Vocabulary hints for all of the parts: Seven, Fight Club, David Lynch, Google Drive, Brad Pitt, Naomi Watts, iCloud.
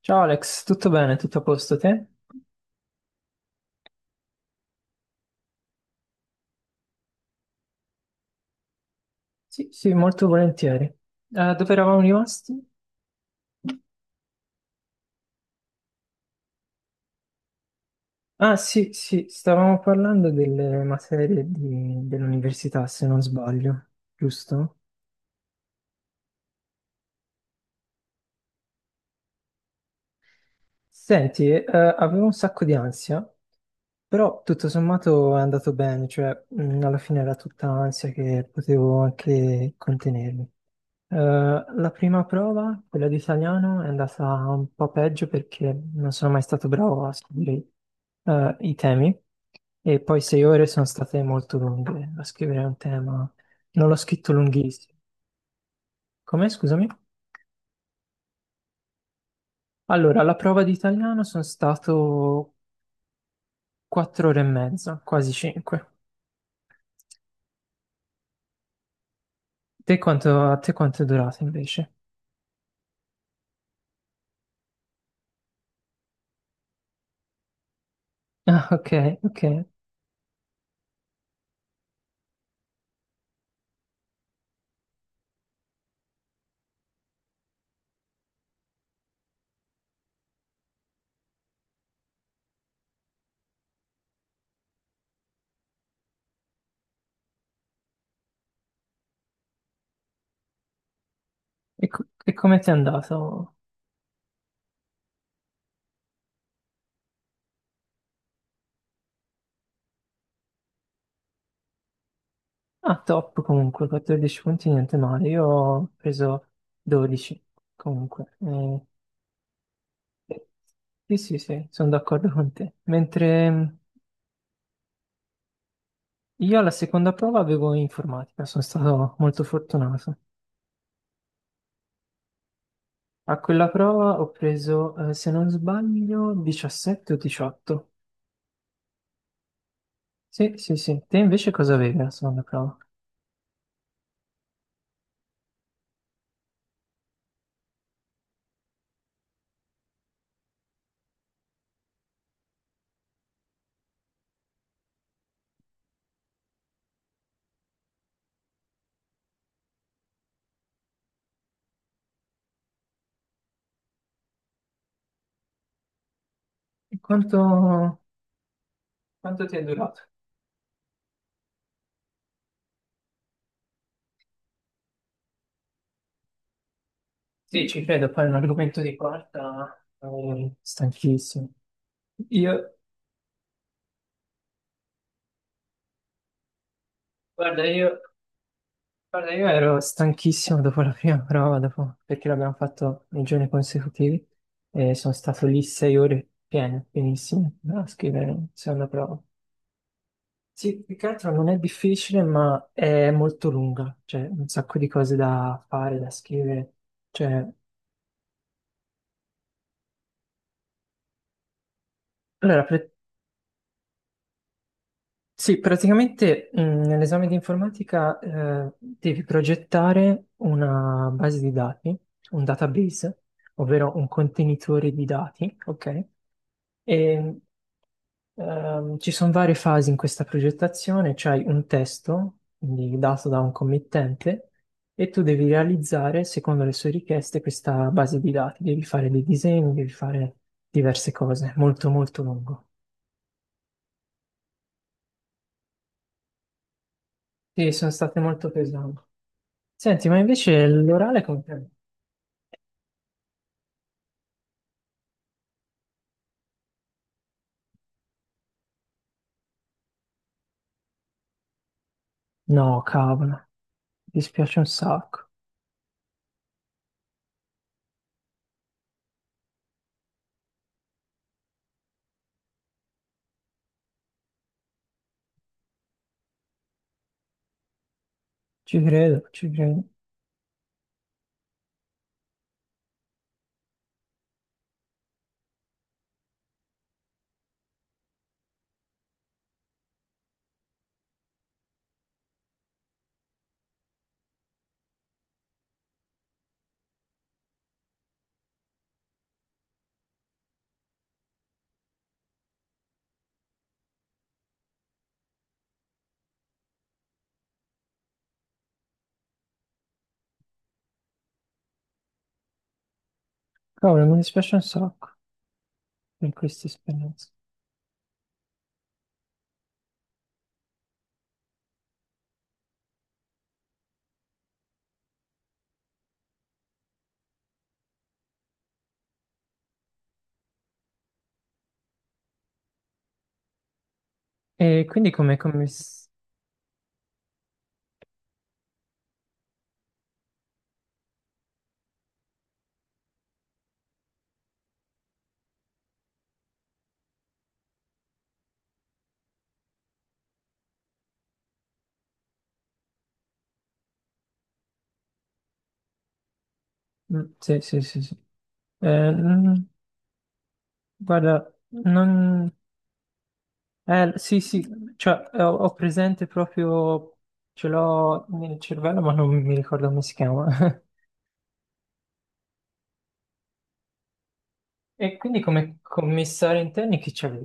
Ciao Alex, tutto bene? Tutto a posto te? Sì, sì, molto volentieri. Dove eravamo rimasti? Ah, sì, sì, stavamo parlando delle materie dell'università, se non sbaglio, giusto? Senti, avevo un sacco di ansia, però tutto sommato è andato bene, cioè, alla fine era tutta ansia che potevo anche contenermi. La prima prova, quella di italiano, è andata un po' peggio perché non sono mai stato bravo a scrivere i temi, e poi 6 ore sono state molto lunghe a scrivere un tema. Non l'ho scritto lunghissimo. Come, scusami? Allora, la prova di italiano sono stato 4 ore e mezza, quasi cinque. A te quanto è durata invece? Ah, ok, ok. E come ti è andato? Ah, top comunque, 14 punti, niente male. Io ho preso 12 comunque. Sì, sì, sì, sono d'accordo con te. Mentre io alla seconda prova avevo informatica, sono stato molto fortunato. A quella prova ho preso, se non sbaglio, 17 o 18. Sì, sì, sì. Te invece cosa avevi alla seconda prova? E quanto ti è durato? Sì, ci credo, poi è un argomento di quarta, stanchissimo. Io Guarda, io, guarda, io ero stanchissimo dopo la prima prova, perché l'abbiamo fatto nei giorni consecutivi e sono stato lì 6 ore piene, pienissime, a scrivere la seconda prova. Sì, più che altro non è difficile, ma è molto lunga, cioè un sacco di cose da fare, da scrivere. Cioè, allora, sì, praticamente, nell'esame di informatica, devi progettare una base di dati, un database, ovvero un contenitore di dati, ok? E ci sono varie fasi in questa progettazione, c'hai un testo, quindi dato da un committente, e tu devi realizzare, secondo le sue richieste, questa base di dati. Devi fare dei disegni, devi fare diverse cose, molto molto lungo. Sì, sono state molto pesanti. Senti, ma invece l'orale come, no, cavolo, mi dispiace un sacco. Ci credo, ci credo. Cavolo, mi dispiace un sacco per questa esperienza. E quindi come... come... s- Sì, sì, sì, sì. Eh, mm, Guarda, non, sì, sì, cioè ho presente proprio. Ce l'ho nel cervello, ma non mi ricordo come si chiama. E quindi come commissari interni chi c'è?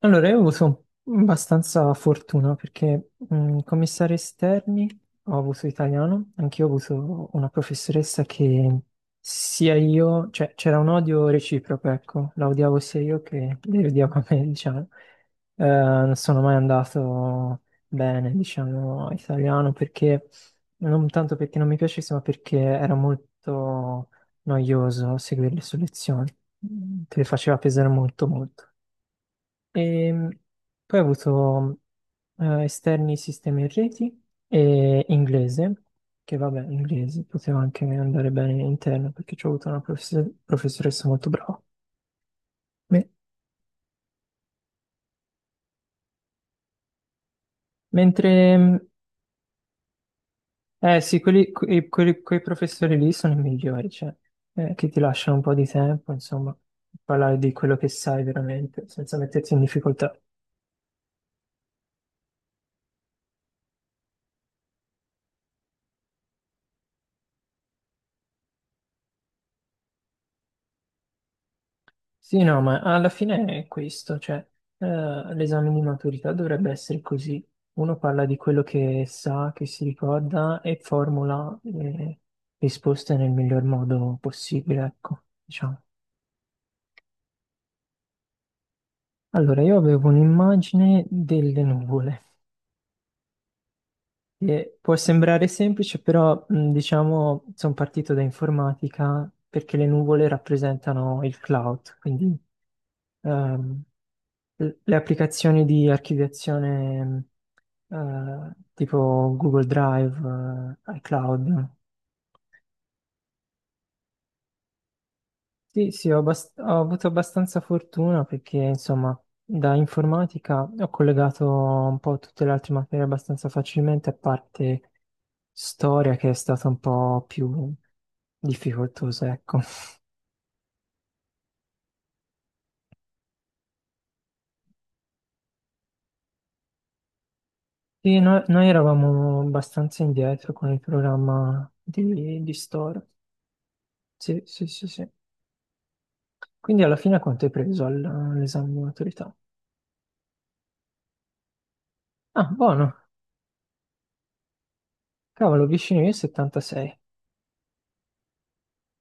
Allora, io ho avuto abbastanza fortuna perché, commissario esterni ho avuto italiano. Anch'io ho avuto una professoressa che, sia io, cioè c'era un odio reciproco, ecco, la odiavo sia io che lei odiava me, diciamo. Non sono mai andato bene, diciamo, a italiano, perché non tanto perché non mi piacesse, ma perché era molto noioso seguire le sue lezioni, te le faceva pesare molto, molto. E poi ho avuto, esterni sistemi e reti e inglese, che vabbè, inglese poteva anche andare bene in interno perché ci ho avuto una professoressa molto brava. Me- Mentre, eh sì, quei professori lì sono i migliori, cioè, che ti lasciano un po' di tempo, insomma, parlare di quello che sai veramente, senza metterti in difficoltà. Sì, no, ma alla fine è questo, cioè, l'esame di maturità dovrebbe essere così. Uno parla di quello che sa, che si ricorda, e formula le risposte nel miglior modo possibile, ecco, diciamo. Allora, io avevo un'immagine delle nuvole, che può sembrare semplice, però, diciamo sono partito da informatica perché le nuvole rappresentano il cloud, quindi, ehm, le applicazioni di archiviazione, tipo Google Drive, iCloud. Sì, sì, ho avuto abbastanza fortuna perché, insomma, da informatica ho collegato un po' tutte le altre materie abbastanza facilmente, a parte storia che è stata un po' più difficoltosa, ecco. Sì, noi eravamo abbastanza indietro con il programma di storia. Sì, sì, sì, sì. Quindi alla fine quanto hai preso all'esame di maturità? Ah, buono. Cavolo, vicino io 76.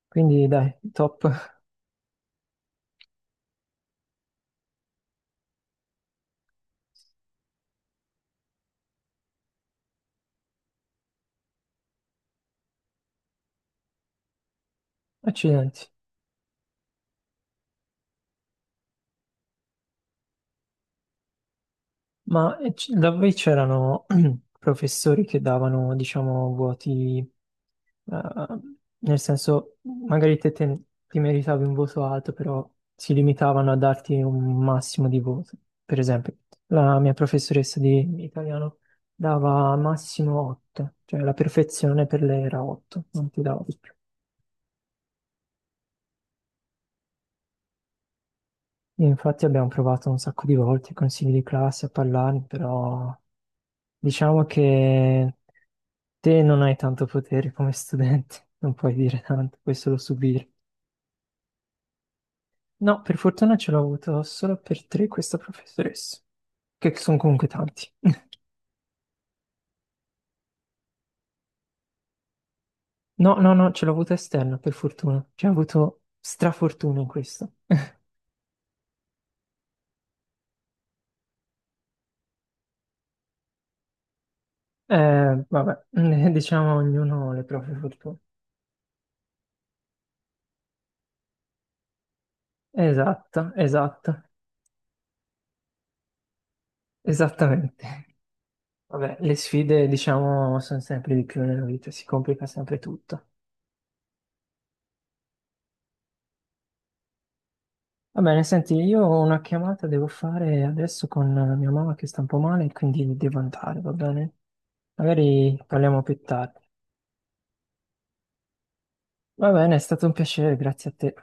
Quindi dai, top. Accidenti. Ma da voi c'erano professori che davano, diciamo, voti, eh, nel senso, magari ti meritavi un voto alto, però si limitavano a darti un massimo di voto. Per esempio, la mia professoressa di italiano dava massimo 8, cioè la perfezione per lei era 8, non ti dava più. Io Infatti abbiamo provato un sacco di volte, i consigli di classe, a parlare, però diciamo che te non hai tanto potere come studente, non puoi dire tanto, puoi solo subire. No, per fortuna ce l'ho avuto solo per tre questa professoressa, che sono comunque tanti. No, no, no, ce l'ho avuta esterna, per fortuna. Ci ho avuto strafortuna in questo. Vabbè, diciamo ognuno le proprie fortune. Esatto, esatto, esattamente. Vabbè, le sfide, diciamo, sono sempre di più nella vita, si complica sempre tutto. Va bene, senti, io ho una chiamata devo fare adesso con mia mamma che sta un po' male, quindi devo andare, va bene? Magari parliamo più tardi. Va bene, è stato un piacere, grazie a te.